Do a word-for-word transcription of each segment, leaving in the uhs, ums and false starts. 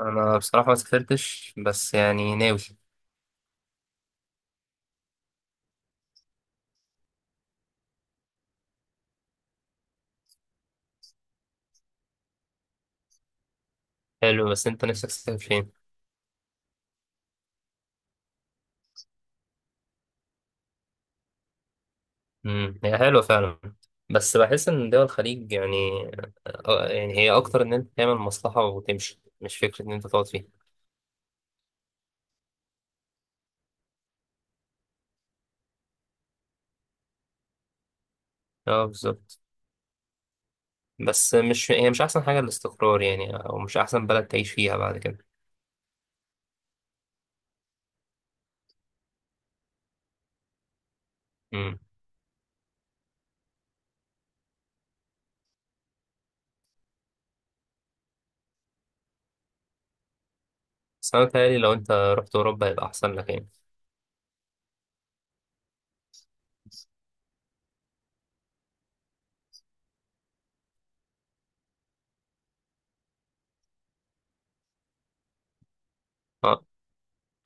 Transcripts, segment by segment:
انا بصراحه ما سافرتش، بس يعني ناوي. حلو، بس انت نفسك تسافر فين؟ امم هي حلوه فعلا. بس بحس ان دول الخليج يعني، آه، يعني هي اكتر ان انت تعمل مصلحه وتمشي، مش فكره ان انت تقعد فيها. اه، بالظبط. بس مش، هي مش احسن حاجه الاستقرار يعني، او مش احسن بلد تعيش فيها بعد كده. امم. بس انا متهيألي لو انت رحت اوروبا هيبقى احسن لك يعني. اه.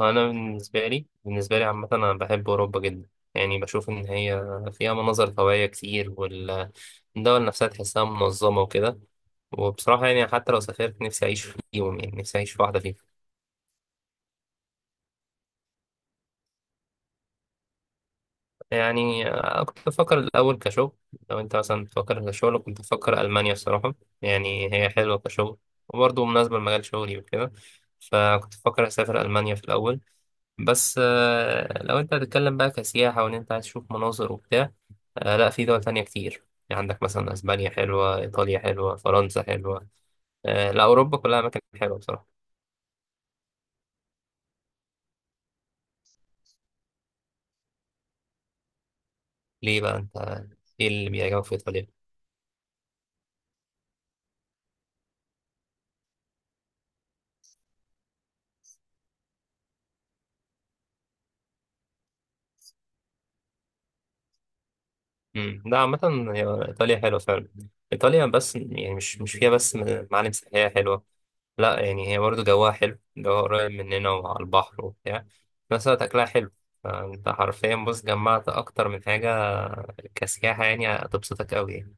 انا بالنسبه لي بالنسبه لي عامه انا بحب اوروبا جدا. يعني بشوف ان هي فيها مناظر طبيعيه كتير، والدول نفسها تحسها منظمه وكده. وبصراحه يعني حتى لو سافرت نفسي اعيش فيهم، يعني نفسي اعيش في واحده فيهم. يعني آه، كنت بفكر الاول كشغل، لو انت مثلا بتفكر كشغل كنت بفكر المانيا الصراحه. يعني هي حلوه كشغل، وبرضه مناسبه لمجال شغلي وكده، فكنت بفكر اسافر المانيا في الاول. بس آه، لو انت هتتكلم بقى كسياحة وان انت عايز تشوف مناظر وبتاع، آه، لا، في دول تانية كتير، يعني عندك مثلا اسبانيا حلوة، ايطاليا حلوة، فرنسا حلوة. آه، لا، اوروبا كلها اماكن حلوة بصراحة. ليه بقى انت؟ ايه اللي بيعجبك في ايطاليا؟ امم لا، عامة هي ايطاليا حلوة فعلا. ايطاليا، بس يعني مش مش فيها بس معالم سياحية حلوة. لا يعني هي برضه جواها حلو، جواها قريب مننا وعلى البحر وبتاع، في نفس الوقت اكلها حلو، فانت حرفيا بص جمعت اكتر من حاجة كسياحة، يعني هتبسطك قوي يعني.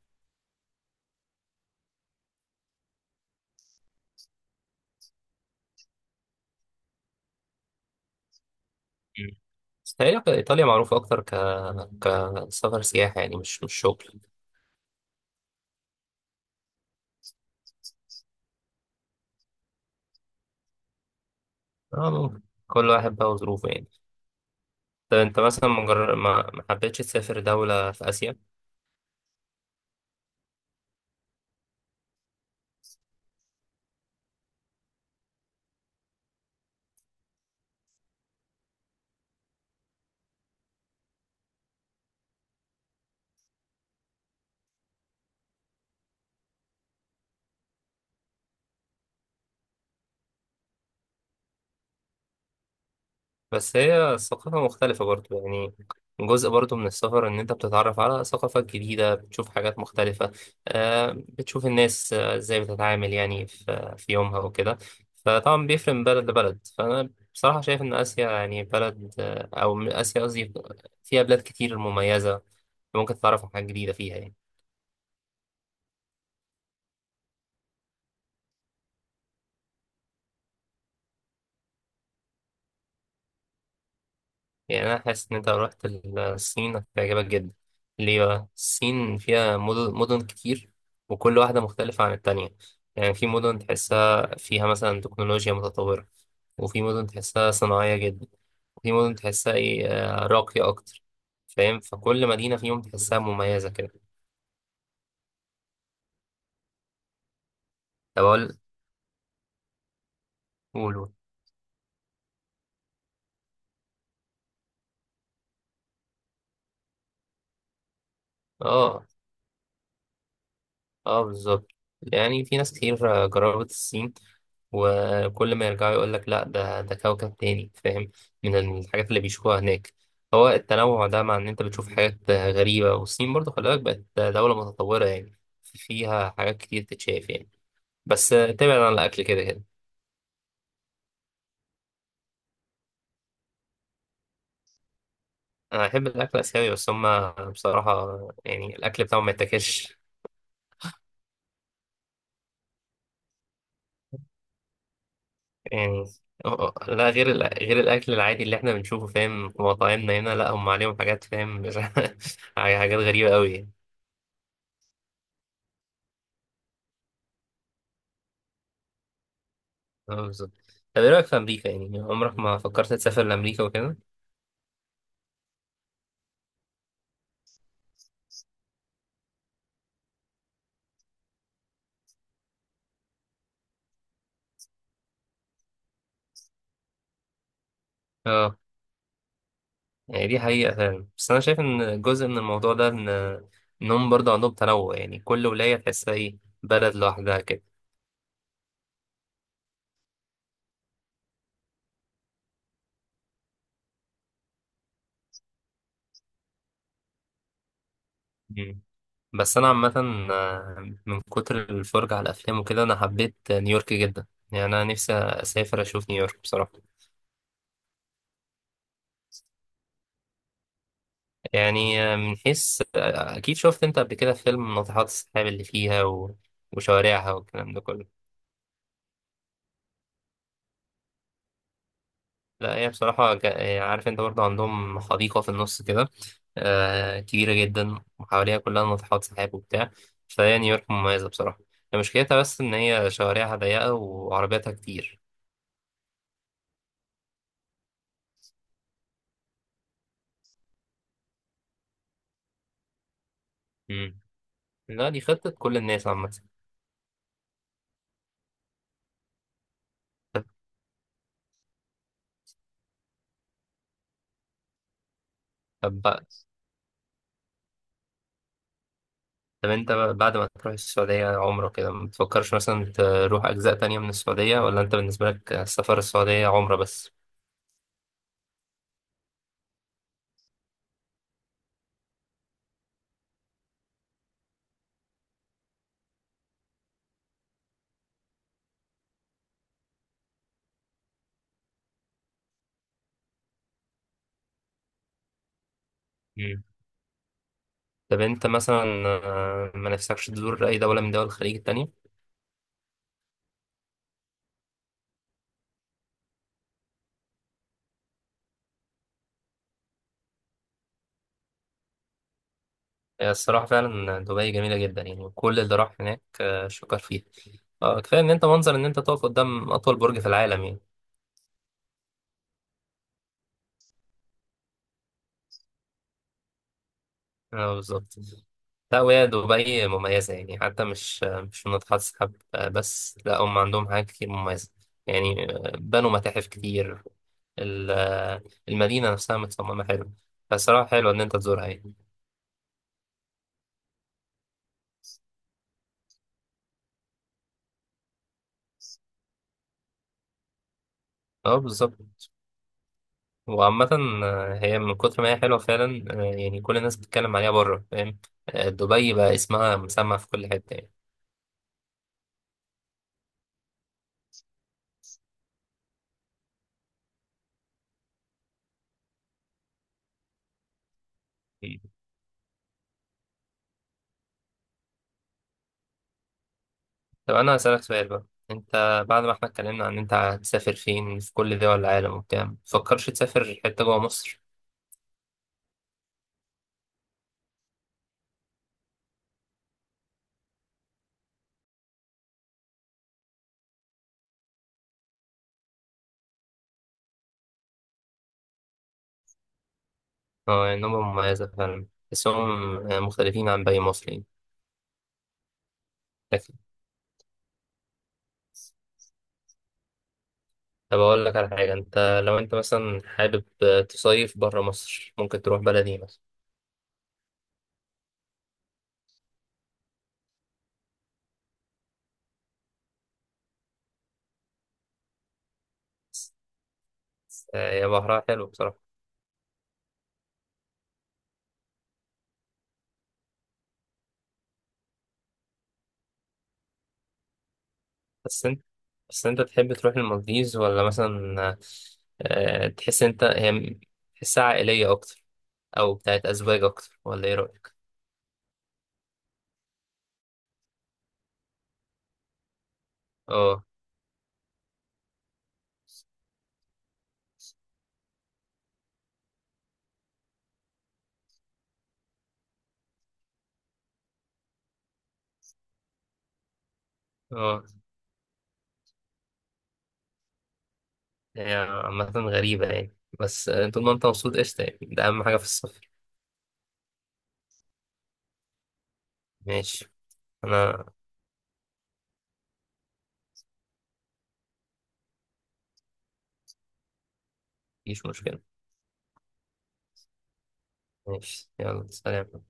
بس تقريبا إيطاليا معروفة أكتر ك كسفر سياحة، يعني مش مش شغل. آه، ممكن. كل واحد بقى وظروفه يعني. طب أنت مثلا ما جر- ما ما حبيتش تسافر دولة في آسيا؟ بس هي ثقافة مختلفة برضو يعني، جزء برضو من السفر إن أنت بتتعرف على ثقافات جديدة، بتشوف حاجات مختلفة. آه، بتشوف الناس آه، إزاي بتتعامل يعني في في يومها وكده. فطبعا بيفرق من بلد لبلد، فأنا بصراحة شايف إن آسيا يعني بلد، آه، أو آسيا قصدي، فيها بلاد كتير مميزة، ممكن تتعرف على حاجات جديدة فيها يعني. يعني أنا حاسس إن أنت لو رحت الصين هتعجبك جدا. ليه بقى؟ الصين فيها مدن مدن كتير، وكل واحدة مختلفة عن التانية. يعني في مدن تحسها فيها مثلا تكنولوجيا متطورة، وفي مدن تحسها صناعية جدا، وفي مدن تحسها إيه، آه، راقية أكتر. فاهم؟ فكل مدينة فيهم تحسها مميزة كده. طب أقول. قولوا. آه. اه، بالظبط، يعني في ناس كتير آه، جربت الصين، وكل ما يرجعوا يقول لك لا، ده ده كوكب تاني، فاهم، من الحاجات اللي بيشوفوها هناك. هو التنوع ده، مع ان انت بتشوف حاجات آه، غريبة، والصين برضو خلي بالك بقت دولة متطورة يعني، فيها حاجات كتير تتشاف يعني. بس آه، ابتعد عن الاكل كده كده. انا بحب الاكل الاسيوي، بس هما بصراحة يعني الاكل بتاعهم ما يتاكلش. يعني لا، غير الأ- غير الاكل العادي اللي احنا بنشوفه فاهم في مطاعمنا هنا، لا هم عليهم حاجات، فاهم مش- حاجات غريبه قوي يعني. اه، بالظبط. طب ايه رايك في امريكا؟ يعني عمرك ما فكرت تسافر لامريكا وكده؟ اه، يعني دي حقيقه فعلا، بس انا شايف ان جزء من الموضوع ده ان انهم برضه عندهم تنوع، يعني كل ولايه تحسها ايه، بلد لوحدها كده. مم. بس انا عامه، آه، من كتر الفرجه على الافلام وكده انا حبيت نيويورك جدا. يعني انا نفسي اسافر اشوف نيويورك بصراحه. يعني آه، من حيث آه، أكيد شفت أنت قبل كده فيلم ناطحات السحاب اللي فيها و... وشوارعها والكلام ده كله. لا هي بصراحة ك- آه، عارف، أنت برضه عندهم حديقة في النص كده، آه، كبيرة جدا، وحواليها كلها ناطحات سحاب وبتاع. فهي نيويورك مميزة بصراحة. هي مشكلتها بس إن هي شوارعها ضيقة وعربياتها كتير. مم. لا دي خطة كل الناس عامة. طب بقى طب انت بقى بعد ما تروح السعودية عمرة كده، ما تفكرش مثلا تروح أجزاء تانية من السعودية؟ ولا انت بالنسبة لك السفر السعودية عمرة بس؟ مم. طب انت مثلا آه، ما نفسكش تزور أي دولة من دول الخليج التانية؟ آه، الصراحة فعلا دبي جميلة جدا، يعني كل اللي راح هناك آه، شكر فيها. آه، كفاية ان انت منظر ان انت تقف قدام أطول برج في العالم يعني. اه، بالظبط. لا، وهي دبي مميزة، يعني حتى مش مش منطقة تسحب بس، لا هم عندهم حاجات كتير مميزة يعني. بنوا متاحف كتير. ال- المدينة نفسها متصممة حلو. فالصراحة حلوة إن أنت تزورها يعني. اه، بالظبط. وعامة هي من كتر ما هي حلوة فعلا، يعني كل الناس بتتكلم عليها بره، فاهم، دبي بقى اسمها مسمع في كل حتة يعني. طب أنا هسألك سؤال بقى، أنت بعد ما احنا اتكلمنا عن أنت هتسافر فين في كل دول العالم وبتاع، مفكرش تسافر حتة جوه مصر؟ اه، يعني نمرة مميزة فعلا، تحسهم مختلفين عن باقي المصريين. لكن، طب أقول لك على حاجة، أنت لو أنت مثلا حابب تصيف برا مصر ممكن تروح بلدي مثلا. بس هي بحرها حلو بصراحة. بس أنت بس أنت تحب تروح المالديز؟ ولا مثلا آه، تحس أنت هي تحسها عائلية أكتر، أو بتاعت أزواج أكتر؟ ولا إيه رأيك؟ اه. اه، هي عامة غريبة يعني، بس طول ما أنت مبسوط قشطة يعني، ده أهم حاجة في السفر. ماشي. أنا مفيش مشكلة. ماشي، يلا سلام.